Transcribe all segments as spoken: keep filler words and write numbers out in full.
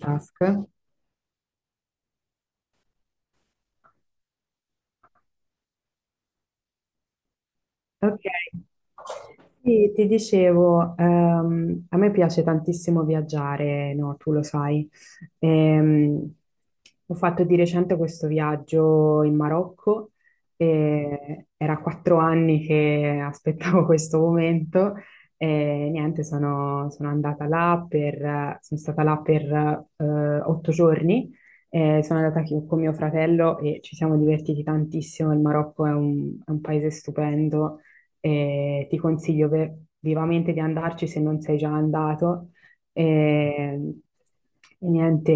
Task Ok, sì, ti dicevo, ehm, a me piace tantissimo viaggiare, no, tu lo sai. Ehm, ho fatto di recente questo viaggio in Marocco e era quattro anni che aspettavo questo momento e niente, sono, sono andata là per, sono stata là per eh, otto giorni. Eh, sono andata chi- con mio fratello e ci siamo divertiti tantissimo. Il Marocco è un, è un paese stupendo e ti consiglio ve- vivamente di andarci se non sei già andato. E, e niente,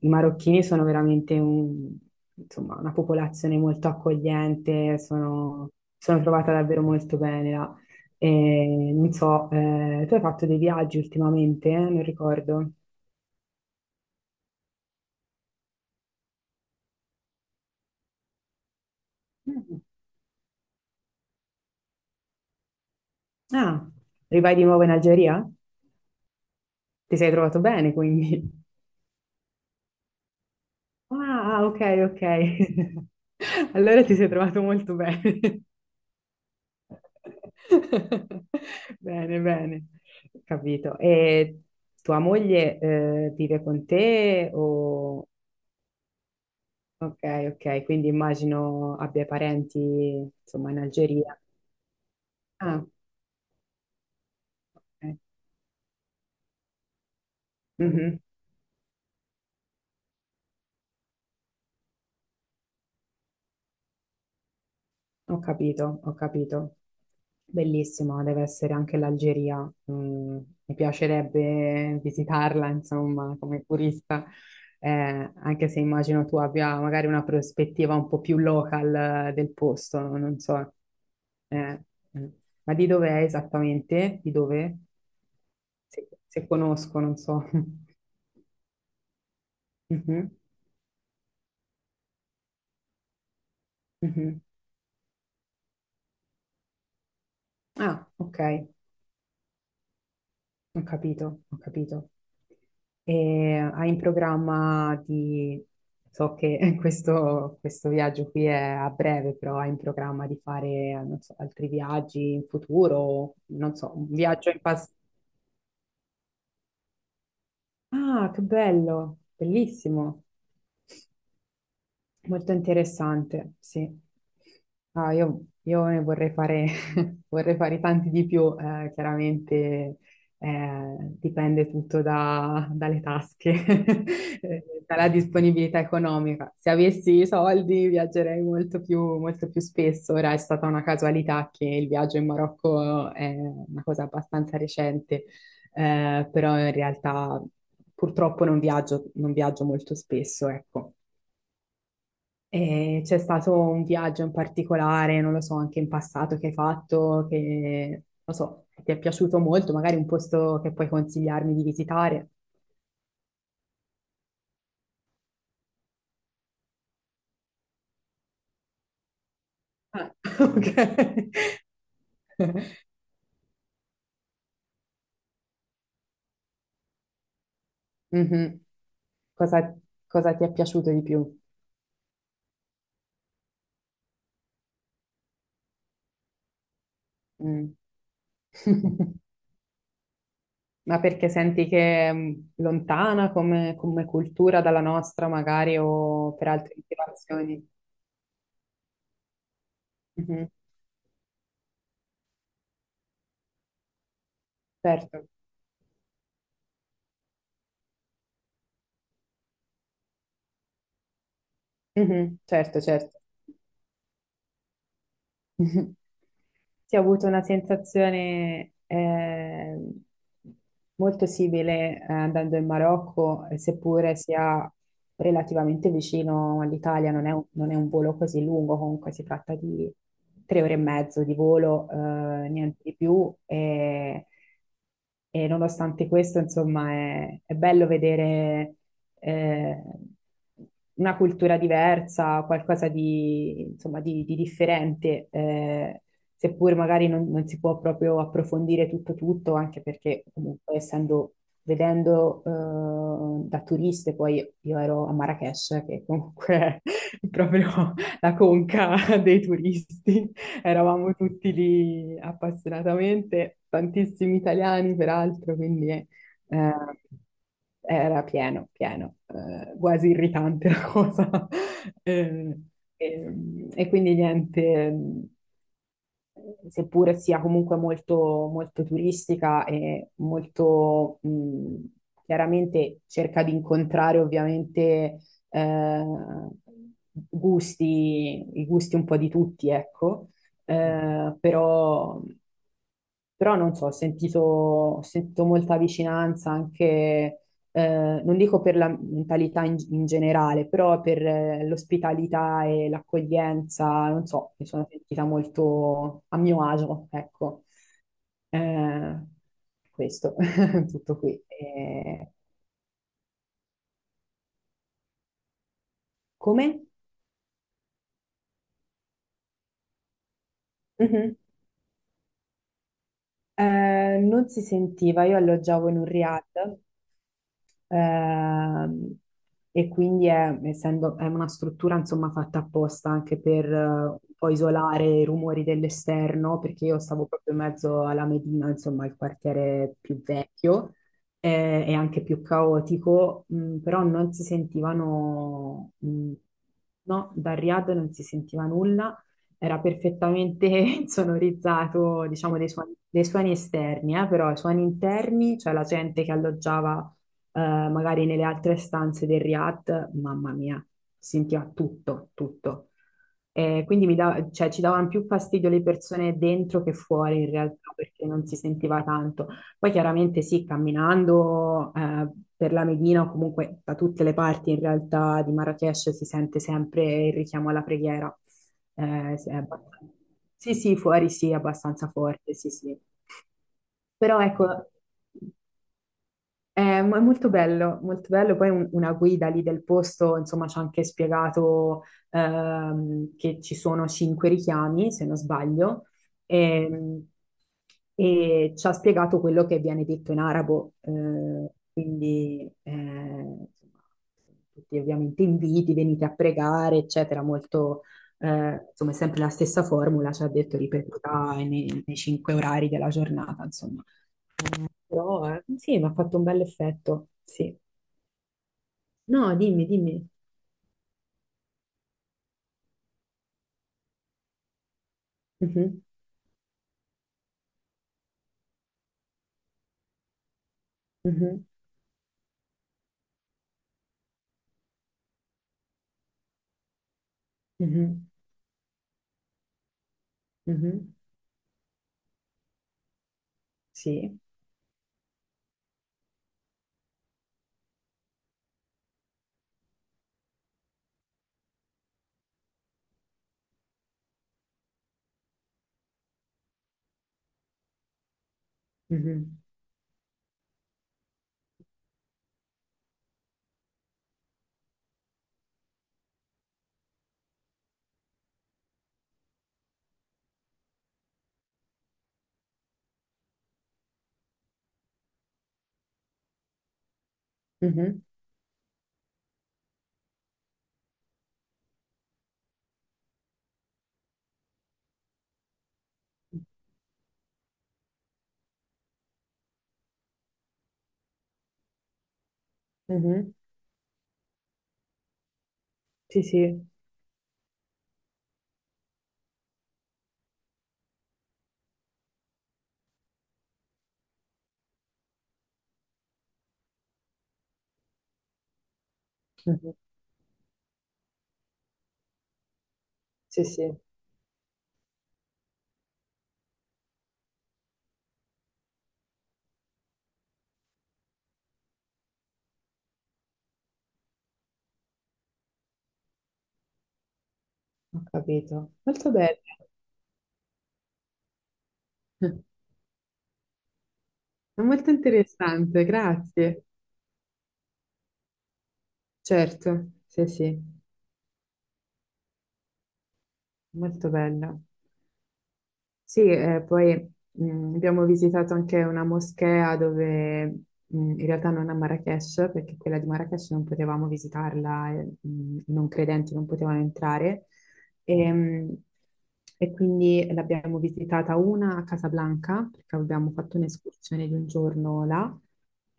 i marocchini sono veramente un- insomma, una popolazione molto accogliente, sono, sono trovata davvero molto bene là. E, non so, eh, tu hai fatto dei viaggi ultimamente? Eh? Non ricordo. Mm. Ah, rivai di nuovo in Algeria? Ti sei trovato bene, quindi. Ah, ah, ok, ok. Allora ti sei trovato molto bene. Bene, bene, capito. E tua moglie eh, vive con te o... Ok, ok, quindi immagino abbia parenti, insomma, in Algeria. Ah, ok. Mhm. Ho capito, ho capito. Bellissima, deve essere anche l'Algeria. Mm, mi piacerebbe visitarla, insomma, come turista, eh, anche se immagino tu abbia magari una prospettiva un po' più local eh, del posto, no, non so. Eh, mm. Ma di dove è esattamente? Di dove? Se, se conosco, non so. Mhm, mhm. Ah, ok, ho capito, ho capito. E hai in programma di... So che questo, questo viaggio qui è a breve, però hai in programma di fare, non so, altri viaggi in futuro? Non so, un viaggio in passato. Ah, che bello, bellissimo. Molto interessante, sì. Ah, io, io ne vorrei fare, vorrei fare tanti di più, eh, chiaramente eh, dipende tutto da- dalle tasche, eh, dalla disponibilità economica. Se avessi i soldi viaggerei molto più, molto più spesso, ora è stata una casualità che il viaggio in Marocco è una cosa abbastanza recente, eh, però in realtà purtroppo non viaggio, non viaggio molto spesso, ecco. E c'è stato un viaggio in particolare, non lo so, anche in passato che hai fatto, che non so, ti è piaciuto molto, magari un posto che puoi consigliarmi di visitare. Ah, ok. Mhm. Cosa, cosa ti è piaciuto di più? Mm. Ma perché senti che è mh, lontana come, come cultura dalla nostra, magari, o per altre motivazioni? Mhm. Certo, mhm. Certo, certo. Sì, ho avuto una sensazione eh, molto simile eh, andando in Marocco, eh, seppure sia relativamente vicino all'Italia, non è un, non è un volo così lungo, comunque si tratta di tre ore e mezzo di volo, eh, niente di più. E, e nonostante questo, insomma, è, è bello vedere eh, una cultura diversa, qualcosa di, insomma, di, di differente, eh, seppur magari non, non si può proprio approfondire tutto tutto, anche perché comunque essendo, vedendo eh, da turiste, poi io ero a Marrakech, che comunque è proprio la conca dei turisti, eravamo tutti lì appassionatamente, tantissimi italiani peraltro, quindi... eh, eh, era pieno, pieno, eh, quasi irritante la cosa. Eh, E, e quindi niente, seppure sia comunque molto, molto turistica e molto mh, chiaramente cerca di incontrare ovviamente eh, gusti, i gusti un po' di tutti, ecco, eh, però. Però non so, ho sentito, ho sentito molta vicinanza anche, eh, non dico per la mentalità in, in generale, però per eh, l'ospitalità e l'accoglienza, non so, mi sono sentita molto a mio agio, ecco. Eh, questo, tutto qui. Eh, come? Mhm. Eh, non si sentiva, io alloggiavo in un riad. Ehm, e quindi è, essendo, è una struttura insomma fatta apposta anche per eh, un po' isolare i rumori dell'esterno, perché io stavo proprio in mezzo alla Medina, insomma il quartiere più vecchio eh, e anche più caotico, mh, però non si sentivano, mh, no, da Riyadh non si sentiva nulla, era perfettamente insonorizzato, diciamo, dei suoni, dei suoni esterni, eh, però i suoni interni, cioè la gente che alloggiava eh, magari nelle altre stanze del Riad, mamma mia, sentiva tutto, tutto. E quindi mi dava- cioè, ci davano più fastidio le persone dentro che fuori in realtà perché non si sentiva tanto. Poi chiaramente sì, camminando eh, per la Medina o comunque da tutte le parti in realtà di Marrakech si sente sempre il richiamo alla preghiera. Eh, sì, è abbast- sì, sì, fuori sì, è abbastanza forte, sì, sì. Però ecco, è mo- è molto bello, molto bello. Poi un- una guida lì del posto, insomma, ci ha anche spiegato ehm, che ci sono cinque richiami, se non sbaglio, ehm, e, ci ha spiegato quello che viene detto in arabo. eh, quindi, eh, insomma, tutti ovviamente inviti, venite a pregare, eccetera, molto, eh, insomma, è sempre la stessa formula, ci ha detto ripetuta nei, nei cinque orari della giornata, però, eh, sì, mi ha fatto un bel effetto, sì. No, dimmi, dimmi. Mhm, mhm, mhm, mhm, sì. Mhm, mhm, mhm, sì, sì. Mhm, sì, sì, ho capito. Molto bello. È molto interessante, grazie. Certo, sì, sì, molto bello. Sì, eh, poi mh, abbiamo visitato anche una moschea dove mh, in realtà non a Marrakech, perché quella di Marrakech non potevamo visitarla, eh, mh, i non credenti non potevano entrare. E, mh, e quindi l'abbiamo visitata una a Casablanca, perché abbiamo fatto un'escursione di un giorno là.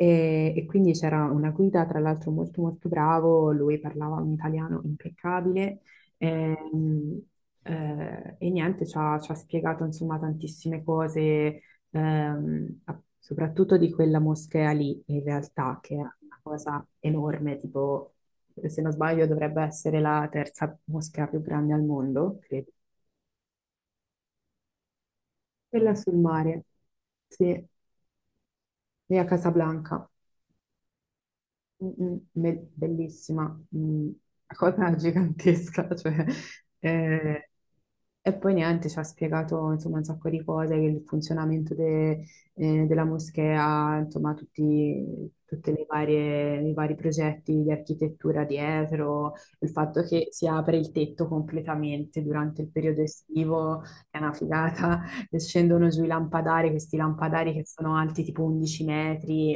E, e quindi c'era una guida, tra l'altro molto molto bravo, lui parlava un italiano impeccabile. Ehm, eh, e niente, ci ha, ci ha spiegato insomma tantissime cose, ehm, a- soprattutto di quella moschea lì, in realtà, che è una cosa enorme, tipo, se non sbaglio, dovrebbe essere la terza moschea più grande al mondo, credo. Quella sul mare, sì, lì a Casablanca. Mm, mm, be- bellissima, mm, una cosa gigantesca, cioè, eh, e poi niente, ci ha spiegato insomma, un sacco di cose, il funzionamento de- eh, della moschea, insomma tutti, tutte le varie, i vari progetti di architettura dietro, il fatto che si apre il tetto completamente durante il periodo estivo, è una figata, e scendono giù i lampadari, questi lampadari che sono alti tipo undici metri.